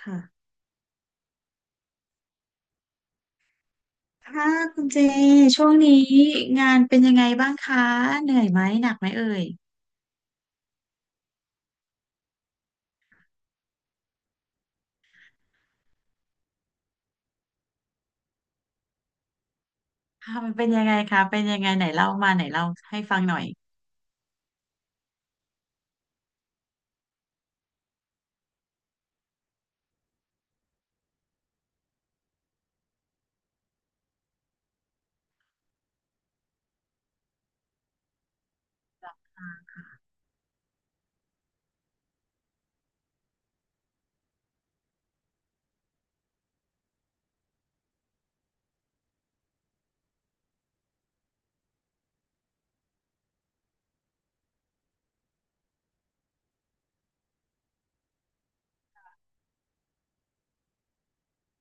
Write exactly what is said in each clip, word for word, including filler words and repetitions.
ค่ะค่ะคุณเจช่วงนี้งานเป็นยังไงบ้างคะเหนื่อยไหมหนักไหมเอ่ยค่ะมันเป็นยังไงคะเป็นยังไงไหนเล่ามาไหนเล่าให้ฟังหน่อย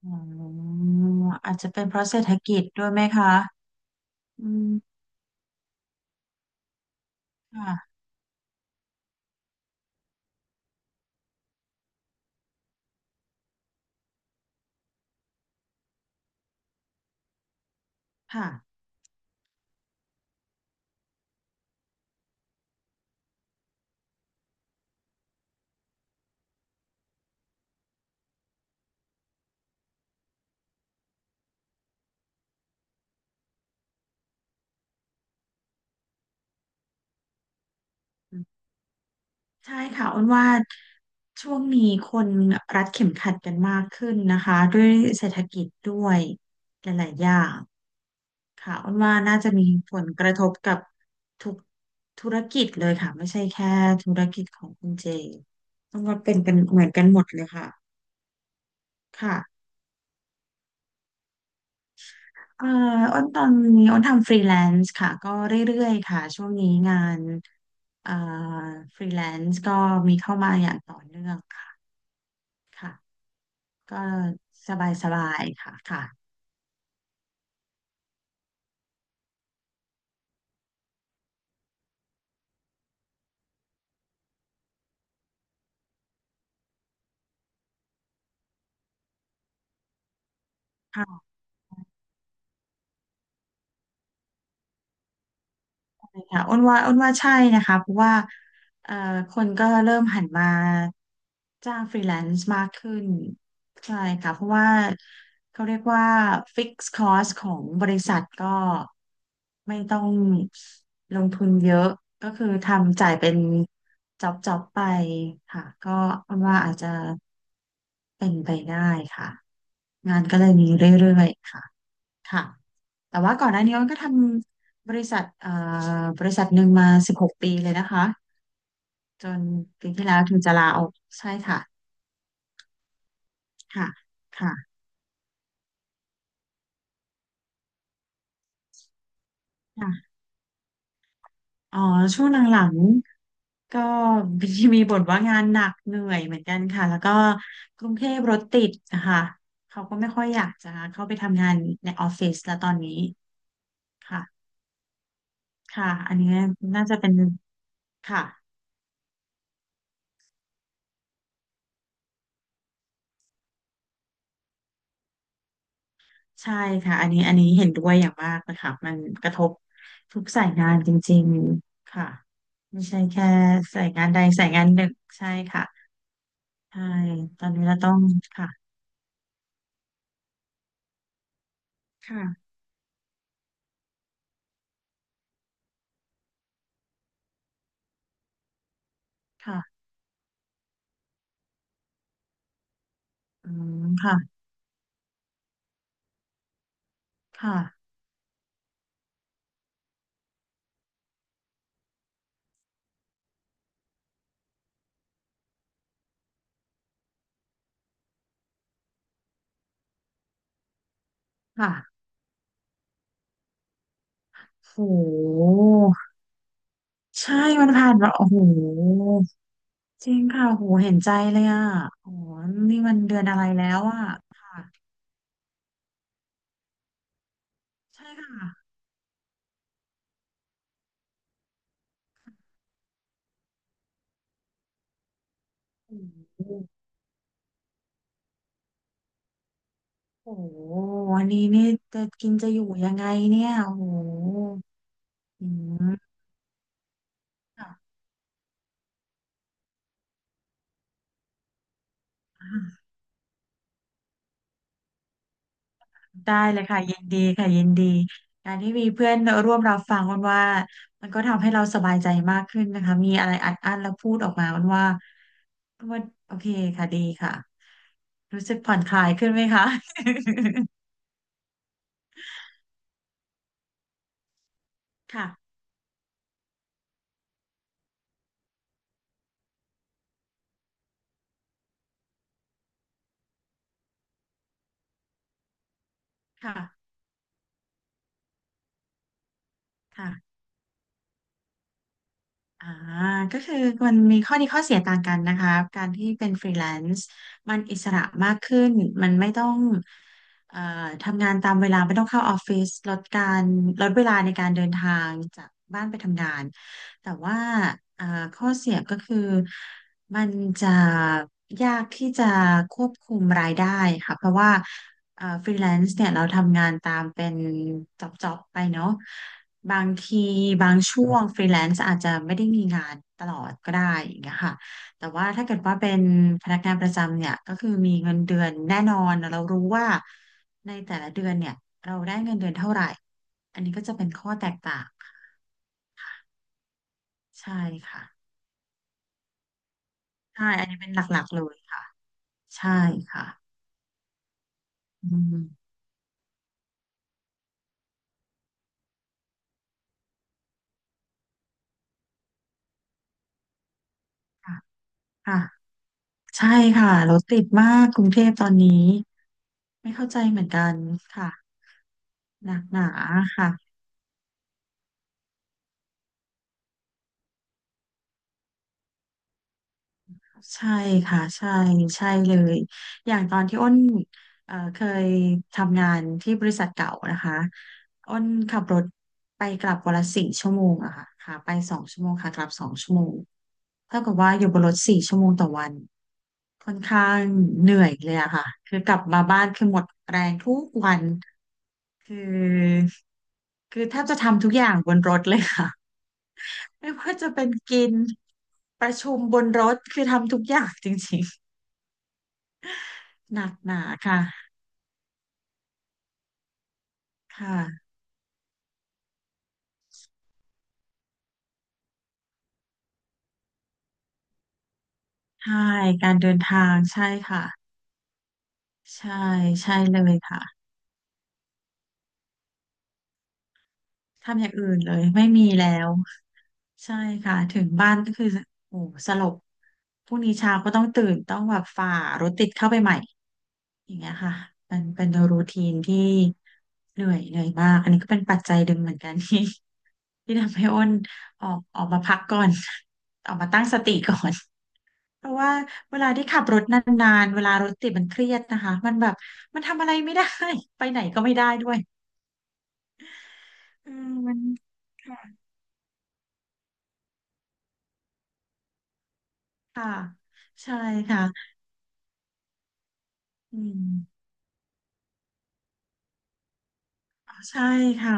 อ๋ออาจจะเป็นเพราะเศรษฐกิจด้วยไหมคะอืมค่ะค่ะใช่ค่ะอ้นว่าช่วงนี้คนรัดเข็มขัดกันมากขึ้นนะคะด้วยเศรษฐกิจด้วยหลายๆอย่าง ค่ะอ้นว่าน่าจะมีผลกระทบกับทุกธุรกิจเลยค่ะไม่ใช่แค่ธุรกิจของคุณเจต้องว่าเป็นกันเหมือนกันหมดเลยค่ะค่ะเอ่ออ้นตอนนี้อ้นทำฟรีแลนซ์ค่ะก็เรื่อยๆค่ะช่วงนี้งานเอ่อฟรีแลนซ์ก็มีเข้ามาอย่างต่อเนื่องค่ะค่ะก็สบายๆค่ะค่ะ ค่ะอ้นว่าอ้นว่าใช่นะคะเพราะว่าเอ่อคนก็เริ่มหันมาจ้างฟรีแลนซ์มากขึ้นใช่ค่ะเพราะว่าเขาเรียกว่าฟิกซ์คอสของบริษัทก็ไม่ต้องลงทุนเยอะก็คือทำจ่ายเป็นจ็อบจ็อบไปค่ะก็อ้นว่าอาจจะเป็นไปได้ค่ะงานก็เลยมีเรื่อยๆค่ะ ค่ะแต่ว่าก่อนหน้านี้มันก็ทำบริษัทเอ่อบริษัทหนึ่งมาสิบหกปีเลยนะคะ จนปีที่แล้วถึงจะลาออกใช่ค่ะค่ะค่ะค่ะอ๋อช่วงหลังๆก็มีมีบ่นว่างานหนักเหนื่อยเหมือนกันค่ะ แล้วก็กรุงเทพรถติดนะคะเขาก็ไม่ค่อยอยากจะเข้าไปทำงานในออฟฟิศแล้วตอนนี้ค่ะค่ะ อันนี้น่าจะเป็นค่ะ ใช่ค่ะอันนี้อันนี้เห็นด้วยอย่างมากนะคะมันกระทบทุกสายงานจริงๆค่ะไม่ใช่แค่สายงานใดสายงานหนึ่งใช่ค่ะใช่ตอนนี้เราต้องค่ะค่ะค่ะอืมค่ะค่ะค่ะโหใช่มันผ่านมาโอ้โหจริงค่ะโหเห็นใจเลยอ่ะโอ้โหนี่มันเดือนอะไรแล้วอ่ะค่ะใช่ค่ะโอ้โห โอ้โหวันนี้นี่จะกินจะอยู่ยังไงเนี่ยโอ้โหอืมค่ะอได้เลยค่ะยินดีค่ะยินดี การที่มีเพื่อนร่วมรับฟังอ้นว่า มันก็ทำให้เราสบายใจมากขึ้นนะคะ มีอะไรอัดอั้นแล้วพูดออกมาอ้นว่าอ้นว่าโอเคค่ะดีค่ะรู้สึกผ่อนคลายขึ้นไหมคะ ค่ะ ค่ะ ค่ะ อ่าก็คือมันมีข้อดีข้อเสียต่างกันนะคะการที่เป็นฟรีแลนซ์มันอิสระมากขึ้นมันไม่ต้องเอ่อทำงานตามเวลาไม่ต้องเข้าออฟฟิศลดการลดเวลาในการเดินทางจากบ้านไปทำงานแต่ว่าเอ่อข้อเสียก็คือมันจะยากที่จะควบคุมรายได้ค่ะเพราะว่า อ่าฟรีแลนซ์เนี่ยเราทำงานตามเป็นจ็อบจ็อบไปเนาะบางทีบางช่วงฟรีแลนซ์อาจจะไม่ได้มีงานตลอดก็ได้อย่างเงี้ยค่ะแต่ว่าถ้าเกิดว่าเป็นพนักงานประจำเนี่ยก็คือมีเงินเดือนแน่นอนเรารู้ว่าในแต่ละเดือนเนี่ยเราได้เงินเดือนเท่าไหร่อันนี้ก็จะเป็นข้อแตกต่างใช่ค่ะใช่อันนี้เป็นหลักๆเลยค่ะใช่ค่ะอืมค่ะค่ะใช่ค่ะรถติดมากกรุงเทพตอนนี้ ไม่เข้าใจเหมือนกันค่ะหนักหนาค่ะใช่ค่ะใช่ใช่เลยอย่างตอนที่อ้นเอ่อเคยทำงานที่บริษัทเก่านะคะอ้นขับรถไปกลับวันละสี่ชั่วโมงอะค่ะขาไปสองชั่วโมงขากลับสองชั่วโมงเท่ากับว่าอยู่บนรถสี่ชั่วโมงต่อวันค่อนข้างเหนื่อยเลยอะค่ะคือกลับมาบ้านคือหมดแรงทุกวันคือคือแทบจะทำทุกอย่างบนรถเลยค่ะ ไม่ว่าจะเป็นกินประชุมบนรถคือทำทุกอย่างจริงๆ หนักหนาค่ะค่ะใช่การเดินทางใช่ค่ะใช่ใช่เลยค่ะทำอย่างอื่นเลยไม่มีแล้วใช่ค่ะถึงบ้านก็คือโอ้โหสลบพรุ่งนี้เช้าก็ต้องตื่นต้องแบบฝ่ารถติดเข้าไปใหม่ อย่างเงี้ยค่ะเป็นเป็นรูทีนที่เหนื่อยเหนื่อยมาก อันนี้ก็เป็นปัจจัยดึงเหมือนกัน ที่ที่ทำให้อ้นออกออกมาพักก่อน ออกมาตั้งสติก่อนเพราะว่าเวลาที่ขับรถนานๆเวลารถติดมันเครียดนะคะมันแบบมันทำอะไรไม่ได้ ไปไหนก็ไม่ได้ด้วยอืมมันค่ะใช่ค่ะอืมอ๋อใช่ค่ะ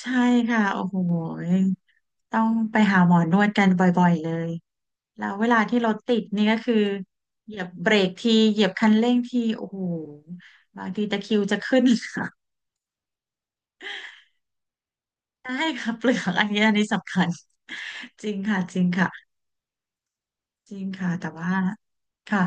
ใช่ค่ะโอ้โหต้องไปหาหมอนวดกันบ่อยๆเลย แล้วเวลาที่รถติดนี่ก็คือเหยียบเบรกทีเหยียบคันเร่งทีโอ้โหบางทีตะคริวจะขึ้น ค่ะได้ค่ะเปลือกอันนี้อันนี้สำคัญจริงค่ะจริงค่ะจริงค่ะแต่ว่าค่ะ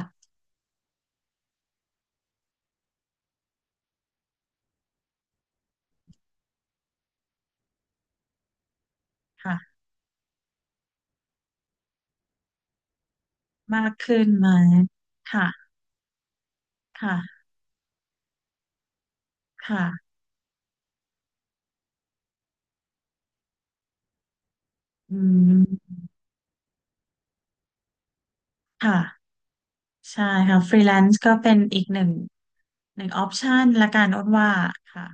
ค่ะมากขึ้นไหมค่ะค่ะค่ะอืมค่ะใช่ค่ะฟรีแลนซ์ก็เป็นอีกหนึ่งหนึ่งออปชันละกันอ้นว่าค่ะ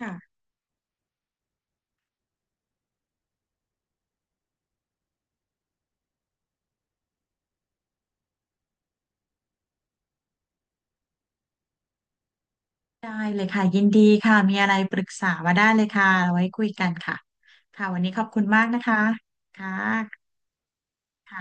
ค่ะ ได้เลยค่ะยินดีค่ะมีอะไรปรึกษามาได้เลยค่ะเอาไว้คุยกันค่ะค่ะวันนี้ขอบคุณมากนะคะค่ะ